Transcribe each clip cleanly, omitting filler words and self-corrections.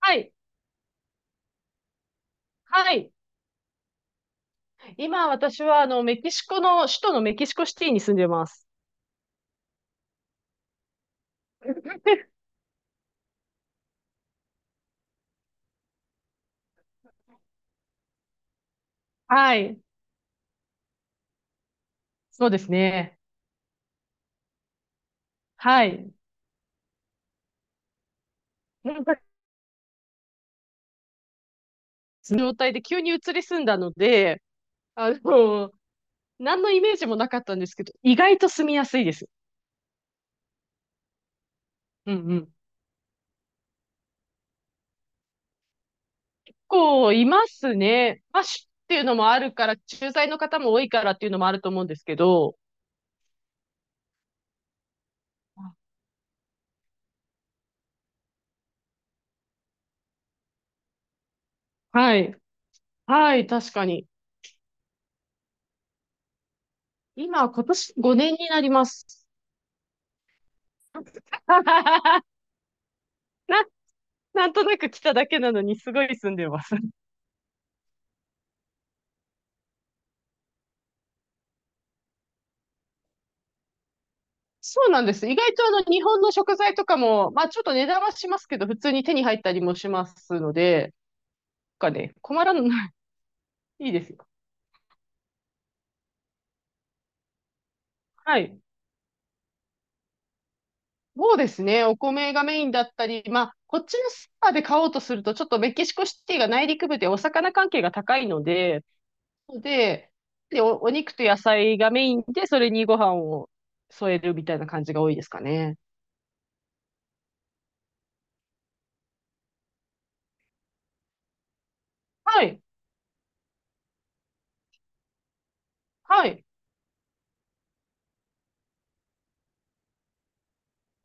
はい。はい。今、私は、メキシコの、首都のメキシコシティに住んでます。はい。そうですね。はい。なんか、その状態で急に移り住んだので、あの、何のイメージもなかったんですけど、意外と住みやすいです。うんうん。こう、いますね。まあ、州っていうのもあるから、駐在の方も多いからっていうのもあると思うんですけど、はい。はい、確かに。今、今年5年になります。なんとなく来ただけなのに、すごい住んでます。そうなんです。意外とあの日本の食材とかも、まあちょっと値段はしますけど、普通に手に入ったりもしますので、なんかね、困らない。いいですよ。はい。そうですね。お米がメインだったり、まあこっちのスーパーで買おうとすると、ちょっとメキシコシティが内陸部でお魚関係が高いので、で、で、お肉と野菜がメインで、それにご飯を添えるみたいな感じが多いですかね。はい。はい。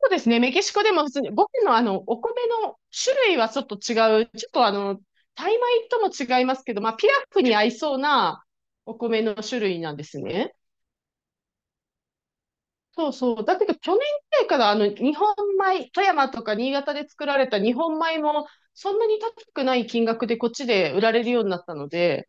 そうですね。メキシコでも普通に、僕のあの、お米の種類はちょっと違う。ちょっとあの、タイ米とも違いますけど、まあ、ピラフに合いそうなお米の種類なんですね。そうそう。だけど、去年くらいから日本米、富山とか新潟で作られた日本米も、そんなに高くない金額でこっちで売られるようになったので、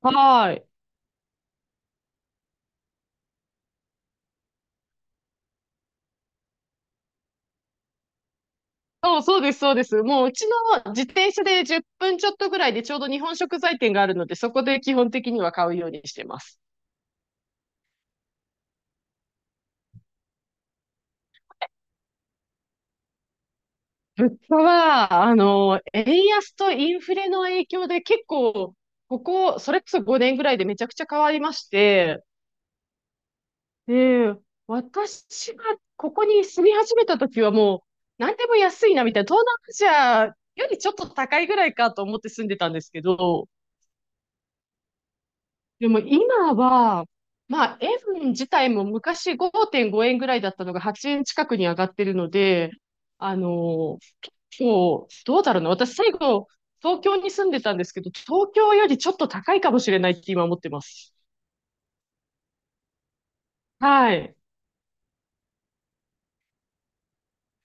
はい。そうそうです、そうです。もううちの自転車で10分ちょっとぐらいでちょうど日本食材店があるので、そこで基本的には買うようにしてます。物価は、円安とインフレの影響で結構、ここ、それこそ5年ぐらいでめちゃくちゃ変わりまして、で、私がここに住み始めた時はもう、何でも安いなみたいな、東南アジアよりちょっと高いぐらいかと思って住んでたんですけど、でも今は、まあ、円自体も昔5.5円ぐらいだったのが8円近くに上がってるので、あの、そう、どうだろうな。私、最後、東京に住んでたんですけど、東京よりちょっと高いかもしれないって今思ってます。はい。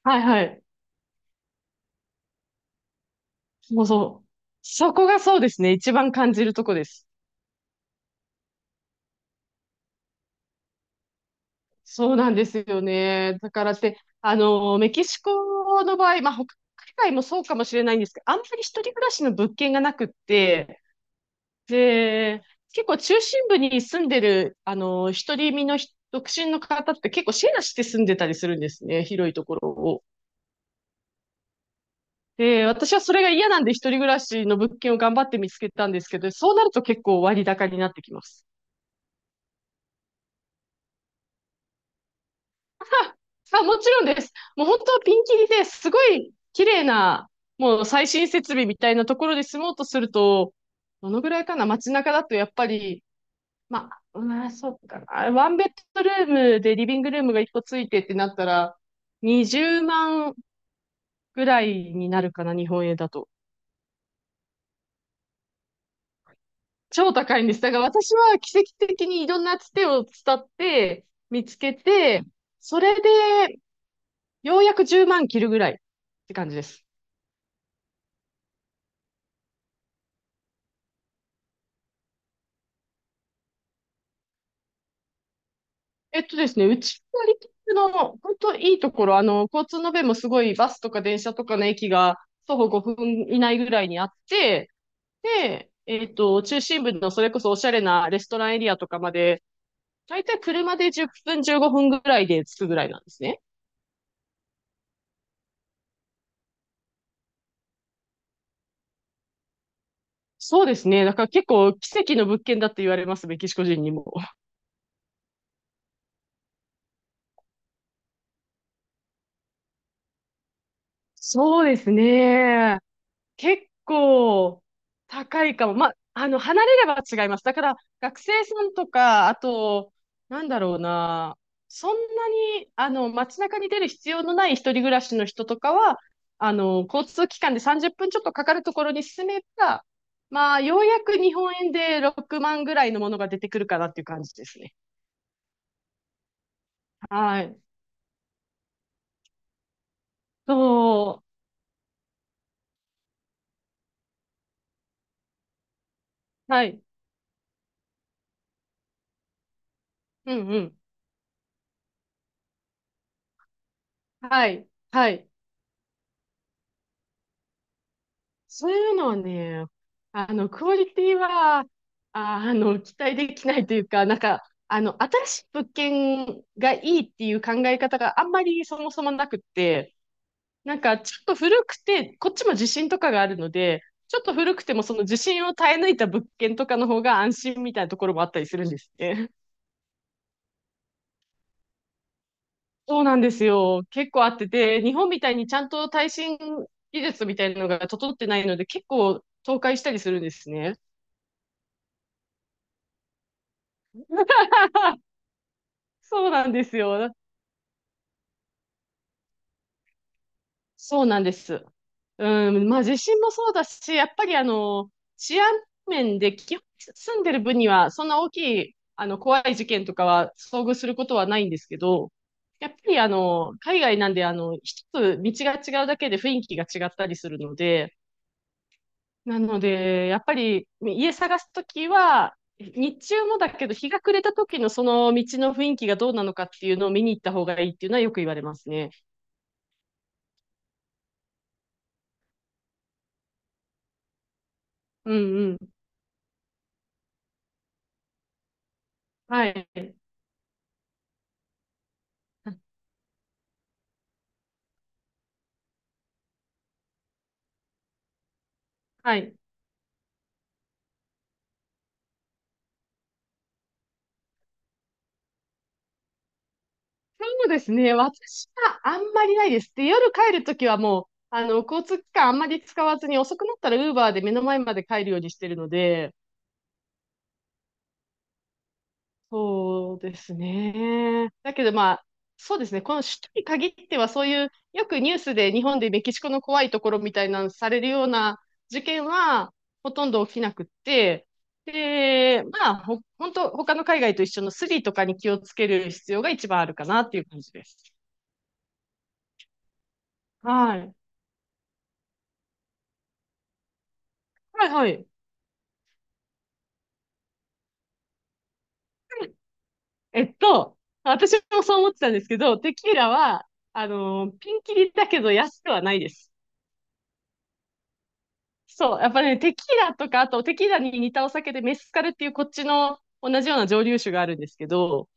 はいはい。もうそう。そこがそうですね。一番感じるとこです。そうなんですよね。だからって、メキシコの場合、まあ、他海外もそうかもしれないんですけど、あんまり一人暮らしの物件がなくって、で、結構中心部に住んでる、一人身の人独身の方って結構シェアして住んでたりするんですね。広いところを。で、私はそれが嫌なんで一人暮らしの物件を頑張って見つけたんですけど、そうなると結構割高になってきます。あ、もちろんです。もう本当はピンキリですごい綺麗な、もう最新設備みたいなところで住もうとすると、どのぐらいかな。街中だとやっぱり、ままあ、うん、そうかな。ワンベッドルームでリビングルームが1個ついてってなったら、20万ぐらいになるかな、日本円だと。超高いんです。だから私は奇跡的にいろんなつてを伝って見つけて、それでようやく10万切るぐらいって感じです。えっとですね、うちのリキッドの本当いいところ、交通の便もすごい。バスとか電車とかの駅が徒歩5分以内ぐらいにあって、で、えっと、中心部のそれこそおしゃれなレストランエリアとかまで、だいたい車で10分15分ぐらいで着くぐらいなんですね。そうですね。だから結構奇跡の物件だって言われます、メキシコ人にも。そうですね。結構高いかも。まあ、離れれば違います。だから学生さんとか、あと、なんだろうな。そんなに、街中に出る必要のない一人暮らしの人とかは、交通機関で30分ちょっとかかるところに住めば、まあ、ようやく日本円で6万ぐらいのものが出てくるかなっていう感じですね。はい。そう。はい。うんうん。はい。はい。そういうのはね、クオリティは、あの、期待できないというか、なんか、新しい物件がいいっていう考え方があんまりそもそもなくって、なんか、ちょっと古くて、こっちも地震とかがあるので、ちょっと古くてもその地震を耐え抜いた物件とかの方が安心みたいなところもあったりするんですね。そうなんですよ。結構あってて、日本みたいにちゃんと耐震技術みたいなのが整ってないので、結構倒壊したりするんですね。そうなんですよ。そうなんです。うん、まあ地震もそうだし、やっぱり治安面で基本住んでる分には、そんな大きい、怖い事件とかは遭遇することはないんですけど、やっぱり海外なんで、一つ道が違うだけで雰囲気が違ったりするので、なので、やっぱり家探すときは、日中もだけど、日が暮れた時のその道の雰囲気がどうなのかっていうのを見に行った方がいいっていうのはよく言われますね。うんうん。はい。はい。そうですね。私はあんまりないです。で、夜帰るときはもう、交通機関あんまり使わずに、遅くなったら Uber で目の前まで帰るようにしてるので、そうですね。だけどまあ、そうですね。この首都に限っては、そういう、よくニュースで日本でメキシコの怖いところみたいなのされるような事件は、ほとんど起きなくって、で、まあ、本当他の海外と一緒のスリとかに気をつける必要が一番あるかなっていう感じです。はい。はいはい。えっと、私もそう思ってたんですけど、テキーラは、ピンキリだけど安くはないです。そう、やっぱね、テキーラとか、あとテキーラに似たお酒でメスカルっていうこっちの同じような蒸留酒があるんですけど、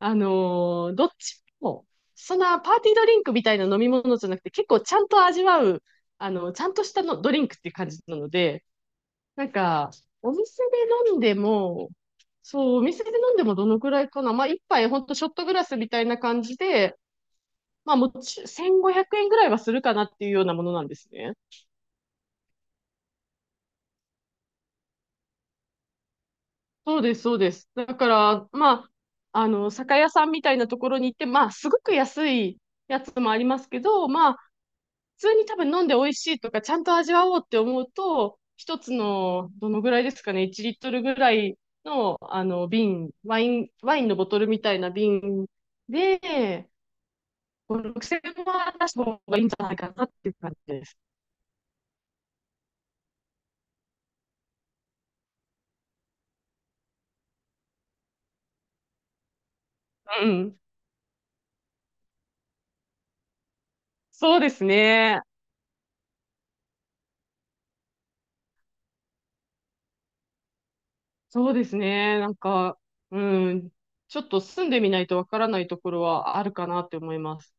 あのーどっちも、そんなパーティードリンクみたいな飲み物じゃなくて、結構ちゃんと味わう、ちゃんとしたのドリンクっていう感じなので、なんか、お店で飲んでも、そう、お店で飲んでもどのくらいかな。まあ、一杯ほんとショットグラスみたいな感じで、まあ、もち、1500円ぐらいはするかなっていうようなものなんですね。そうです、そうです。だから、まあ、酒屋さんみたいなところに行って、まあ、すごく安いやつもありますけど、まあ、普通に多分飲んで美味しいとか、ちゃんと味わおうって思うと、一つの、どのぐらいですかね、1リットルぐらいの、瓶、ワインのボトルみたいな瓶で、5、6000円は出した方がいいんじゃないかなっていう感じです。うん。そうですね。そうですね。なんか、うん、ちょっと住んでみないとわからないところはあるかなって思います。